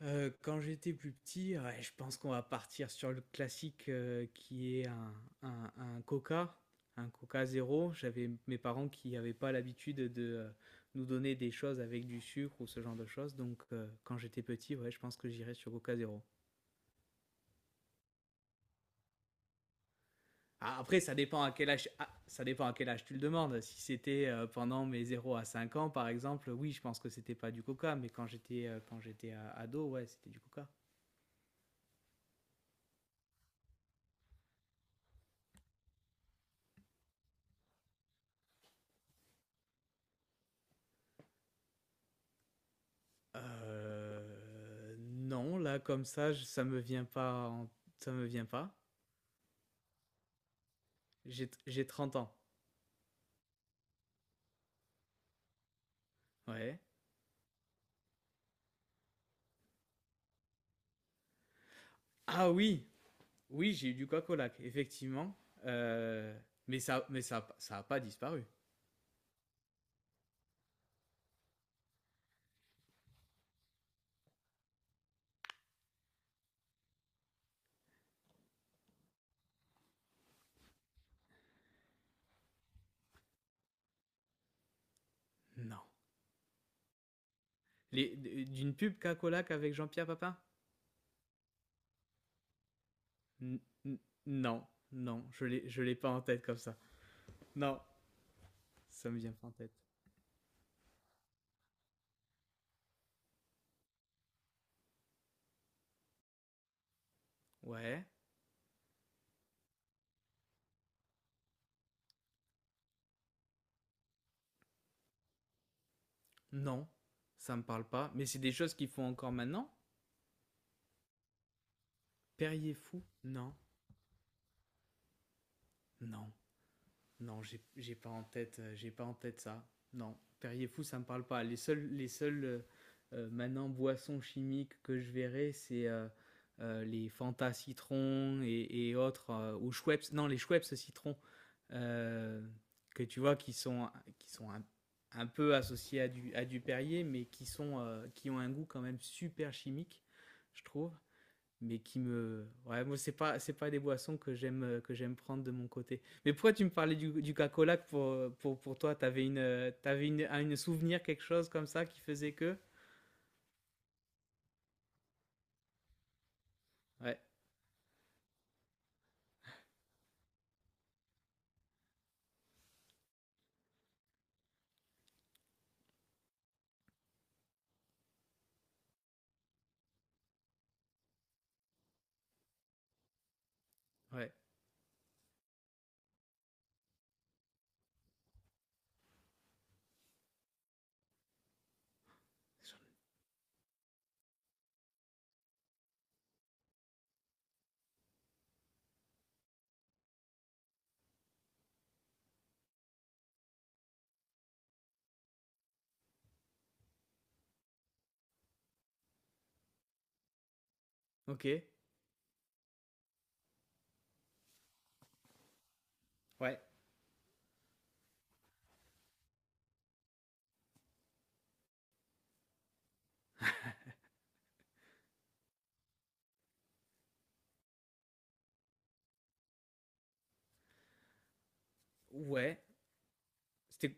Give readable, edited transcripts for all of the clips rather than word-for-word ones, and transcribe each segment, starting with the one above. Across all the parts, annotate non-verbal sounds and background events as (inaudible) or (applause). Quand j'étais plus petit, ouais, je pense qu'on va partir sur le classique, qui est un Coca, un Coca Zéro. J'avais mes parents qui n'avaient pas l'habitude de, nous donner des choses avec du sucre ou ce genre de choses, donc quand j'étais petit, ouais, je pense que j'irais sur Coca Zéro. A après ça dépend à quel âge ça dépend à quel âge tu le demandes. Si c'était, pendant mes 0 à 5 ans, par exemple, oui, je pense que c'était pas du Coca, mais quand j'étais a ado, ouais, c'était du Coca. Non, là comme ça, j ça me vient pas en ça me vient pas. J'ai 30 ans. Ouais. Ah oui! Oui, j'ai eu du coq au lac, effectivement, heu, mais ça a pas disparu. Non. Les d'une pub Cacolac avec Jean-Pierre Papin? N n Non, non, je l'ai pas en tête comme ça. Non, ça me vient pas en tête. Ouais. Non, ça me parle pas, mais c'est des choses qu'ils font encore maintenant? Perrier Fou? Non, non. Non, j'ai pas en tête, j'ai pas en tête ça. Non, Perrier Fou, ça me parle pas. Les seuls maintenant boissons chimiques que je verrai, c'est les Fanta citron et autres, ou Schweppes, non, les Schweppes citron, euh, que tu vois qui sont un peu associés à du Perrier, mais qui, sont, qui ont un goût quand même super chimique, je trouve mais qui me ouais moi c'est pas des boissons que j'aime prendre de mon côté mais pourquoi tu me parlais du Coca-Cola pour pour toi t'avais une un une souvenir quelque chose comme ça qui faisait que ouais ouais ok ouais ouais c'était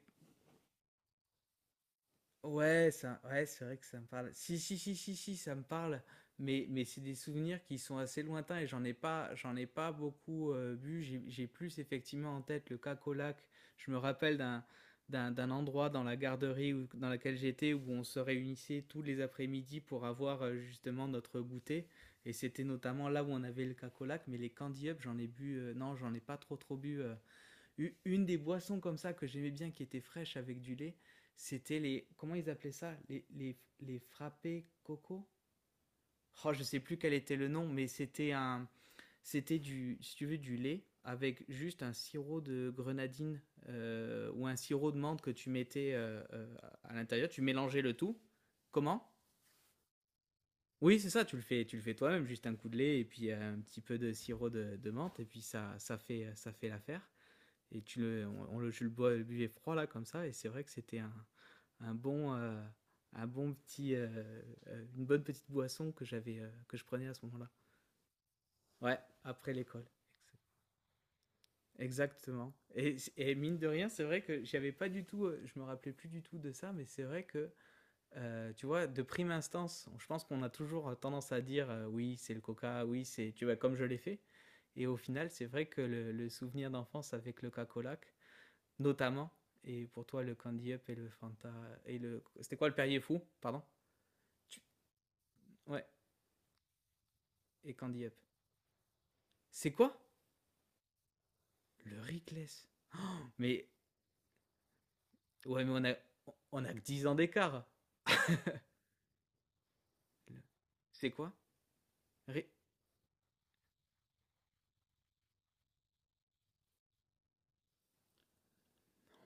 Ouais, ça, ouais, c'est vrai que ça me parle. Si, si, si, si, si, ça me parle. Mais c'est des souvenirs qui sont assez lointains et j'en ai pas beaucoup bu. J'ai plus effectivement en tête le Cacolac. Je me rappelle d'un, d'un endroit dans la garderie où- dans laquelle j'étais où on se réunissait tous les après-midi pour avoir justement notre goûter. Et c'était notamment là où on avait le Cacolac. Mais les Candy Up, j'en ai bu, non, j'en ai pas trop bu. U- Une des boissons comme ça que j'aimais bien, qui était fraîche avec du lait, c'était les... Comment ils appelaient ça? Les frappés coco? Oh, je sais plus quel était le nom, mais c'était un... C'était du, si tu veux, du lait avec juste un sirop de grenadine ou un sirop de menthe que tu mettais à l'intérieur. Tu mélangeais le tout. Comment? Oui, c'est ça, tu le fais toi-même, juste un coup de lait et puis un petit peu de sirop de menthe et puis ça fait l'affaire et je le buvais froid là comme ça, et c'est vrai que c'était un bon, euh, un bon petit, une bonne petite boisson que j'avais, que je prenais à ce moment-là. Ouais, après l'école. Exactement. Mine de rien, c'est vrai que j'avais pas du tout, je me rappelais plus du tout de ça, mais c'est vrai que, tu vois, de prime instance, je pense qu'on a toujours tendance à dire, oui, c'est le coca, oui, c'est, tu vois, comme je l'ai fait. Et au final, c'est vrai que le souvenir d'enfance avec le cacolac, notamment. Et pour toi, le Candy Up et le Fanta. Et le... C'était quoi le Perrier Fou Pardon Ouais, et Candy Up. C'est quoi Le Rickless. Mais ouais, mais on a que 10 ans d'écart. C'est quoi Ri-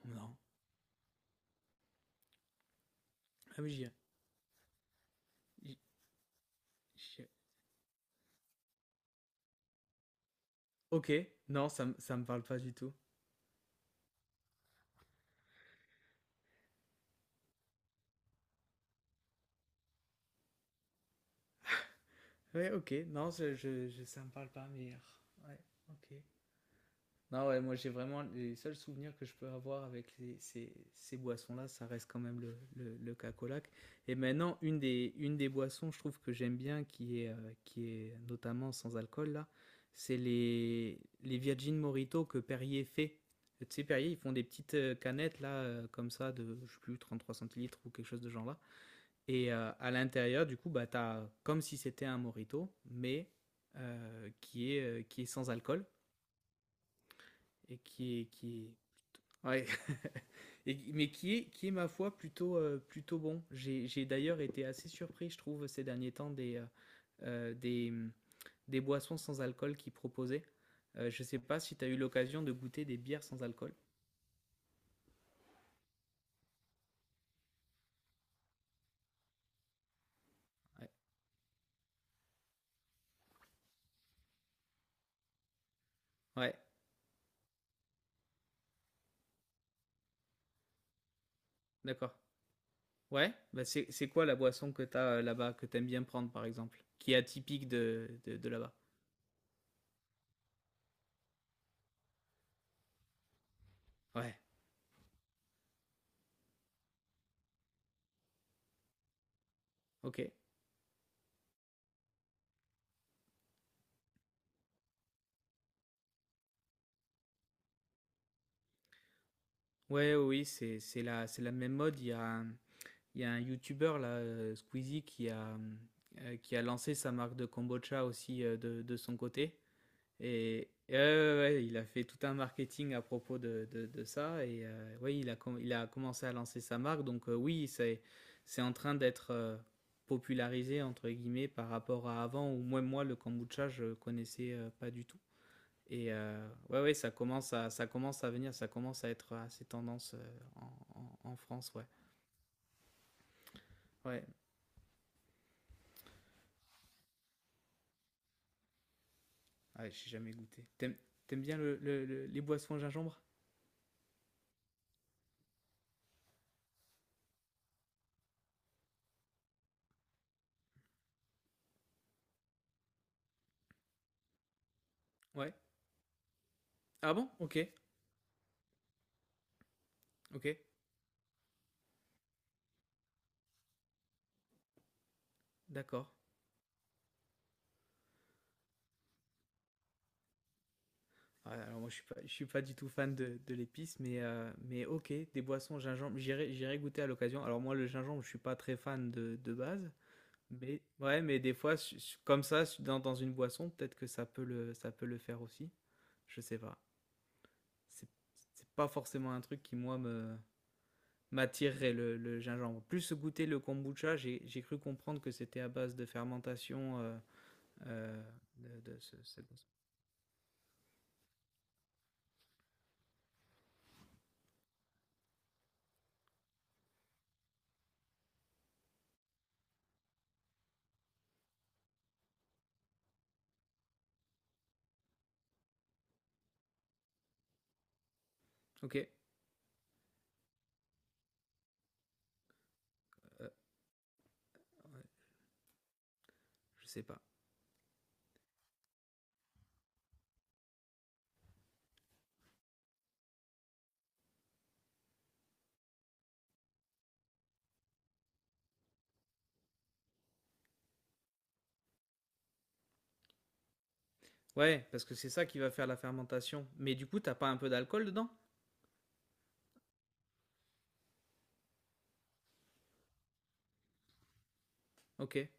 Non. Ah oui, j'y- ai- Ok, non, ça me parle pas du tout. Ouais, ok, non, je- ça me parle pas, mais. Ah, Ouais, ok. Non, ouais, moi j'ai vraiment les seuls souvenirs que je peux avoir avec les- ces, ces boissons-là, ça reste quand même le cacolac. Et maintenant, une des boissons, je trouve que j'aime bien, qui est notamment sans alcool, là, c'est les Virgin Morito que Perrier fait. Tu sais, Perrier, ils font des petites canettes, là, comme ça, de, je sais plus, 33 centilitres ou quelque chose de genre là. Et à l'intérieur, du coup, bah, t'as comme si c'était un Morito, mais qui est sans alcool et qui est Ouais. (laughs) Et- mais qui est, ma foi, plutôt, plutôt bon. J'ai d'ailleurs été assez surpris, je trouve, ces derniers temps, euh, des, des boissons sans alcool qu'ils proposaient. Je sais pas si tu as eu l'occasion de goûter des bières sans alcool. Ouais, ouais, d'accord. Ouais, bah c'est quoi la boisson que tu as là-bas, que tu aimes bien prendre, par exemple, qui est atypique de là-bas? Ouais, ok. Ouais, oui, oui, c'est la même mode. Il y a un- Il y a un YouTuber là, Squeezie, qui a lancé sa marque de kombucha aussi de son côté. Ouais, ouais, ouais, il a fait tout un marketing à propos de ça. Et ouais, il a commencé à lancer sa marque. Donc oui, c'est en train d'être popularisé, entre guillemets, par rapport à avant, où moi le kombucha, je connaissais pas du tout. Et ouais, ouais, ça commence à venir, ça commence à être assez tendance en France, ouais. Ouais. Ah, j'ai jamais goûté. T'aimes bien les boissons à gingembre Ouais. Ah bon Ok, ok, d'accord. Ouais, alors moi je suis pas du tout fan de l'épice, mais ok, des boissons au gingembre, j'irai goûter à l'occasion. Alors moi le gingembre, je suis pas très fan de base, mais ouais, mais des fois comme ça dans, dans une boisson, peut-être que ça peut le faire aussi. Je sais pas. C'est, c'est pas forcément un truc qui moi me, m'attirerait le gingembre. Plus goûter le kombucha, j'ai cru comprendre que c'était à base de fermentation euh, de ce- cette boisson. Ok, euh, je sais pas. Ouais, parce que c'est ça qui va faire la fermentation. Mais du coup, t'as pas un peu d'alcool dedans? Ok. Et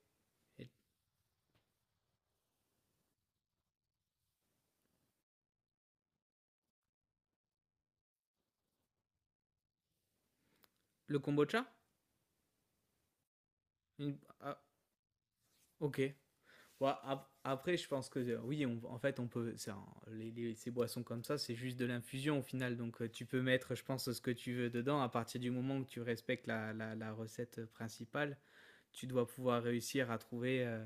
le kombucha? Une- ah, ok. Ouais, après, je pense que oui, en fait, on peut. C'est un- ces boissons comme ça, c'est juste de l'infusion au final. Donc, tu peux mettre, je pense, ce que tu veux dedans à partir du moment où tu respectes la recette principale. Tu dois pouvoir réussir à trouver,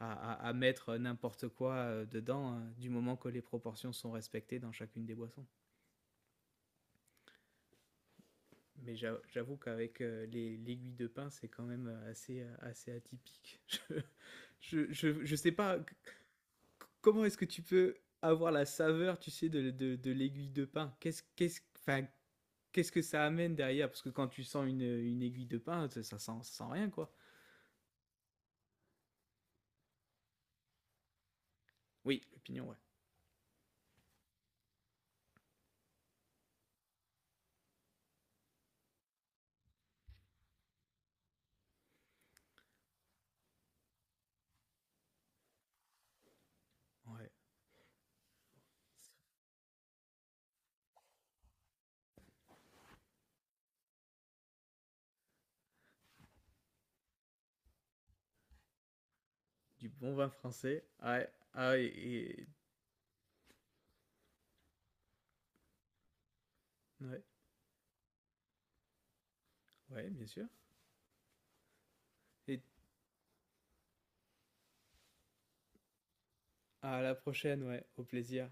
à mettre n'importe quoi dedans, du moment que les proportions sont respectées dans chacune des boissons. Mais j'avoue qu'avec l'aiguille de pain, c'est quand même assez, assez atypique. (laughs) Je sais pas comment est-ce que tu peux avoir la saveur, tu sais, de l'aiguille de pain. Enfin, qu'est-ce que ça amène derrière Parce que quand tu sens une aiguille de pain, ça sent rien, quoi. Oui, le pignon, ouais. Ouais, du bon vin français. Et- ouais, ouais, bien sûr. Et à la prochaine, ouais, au plaisir.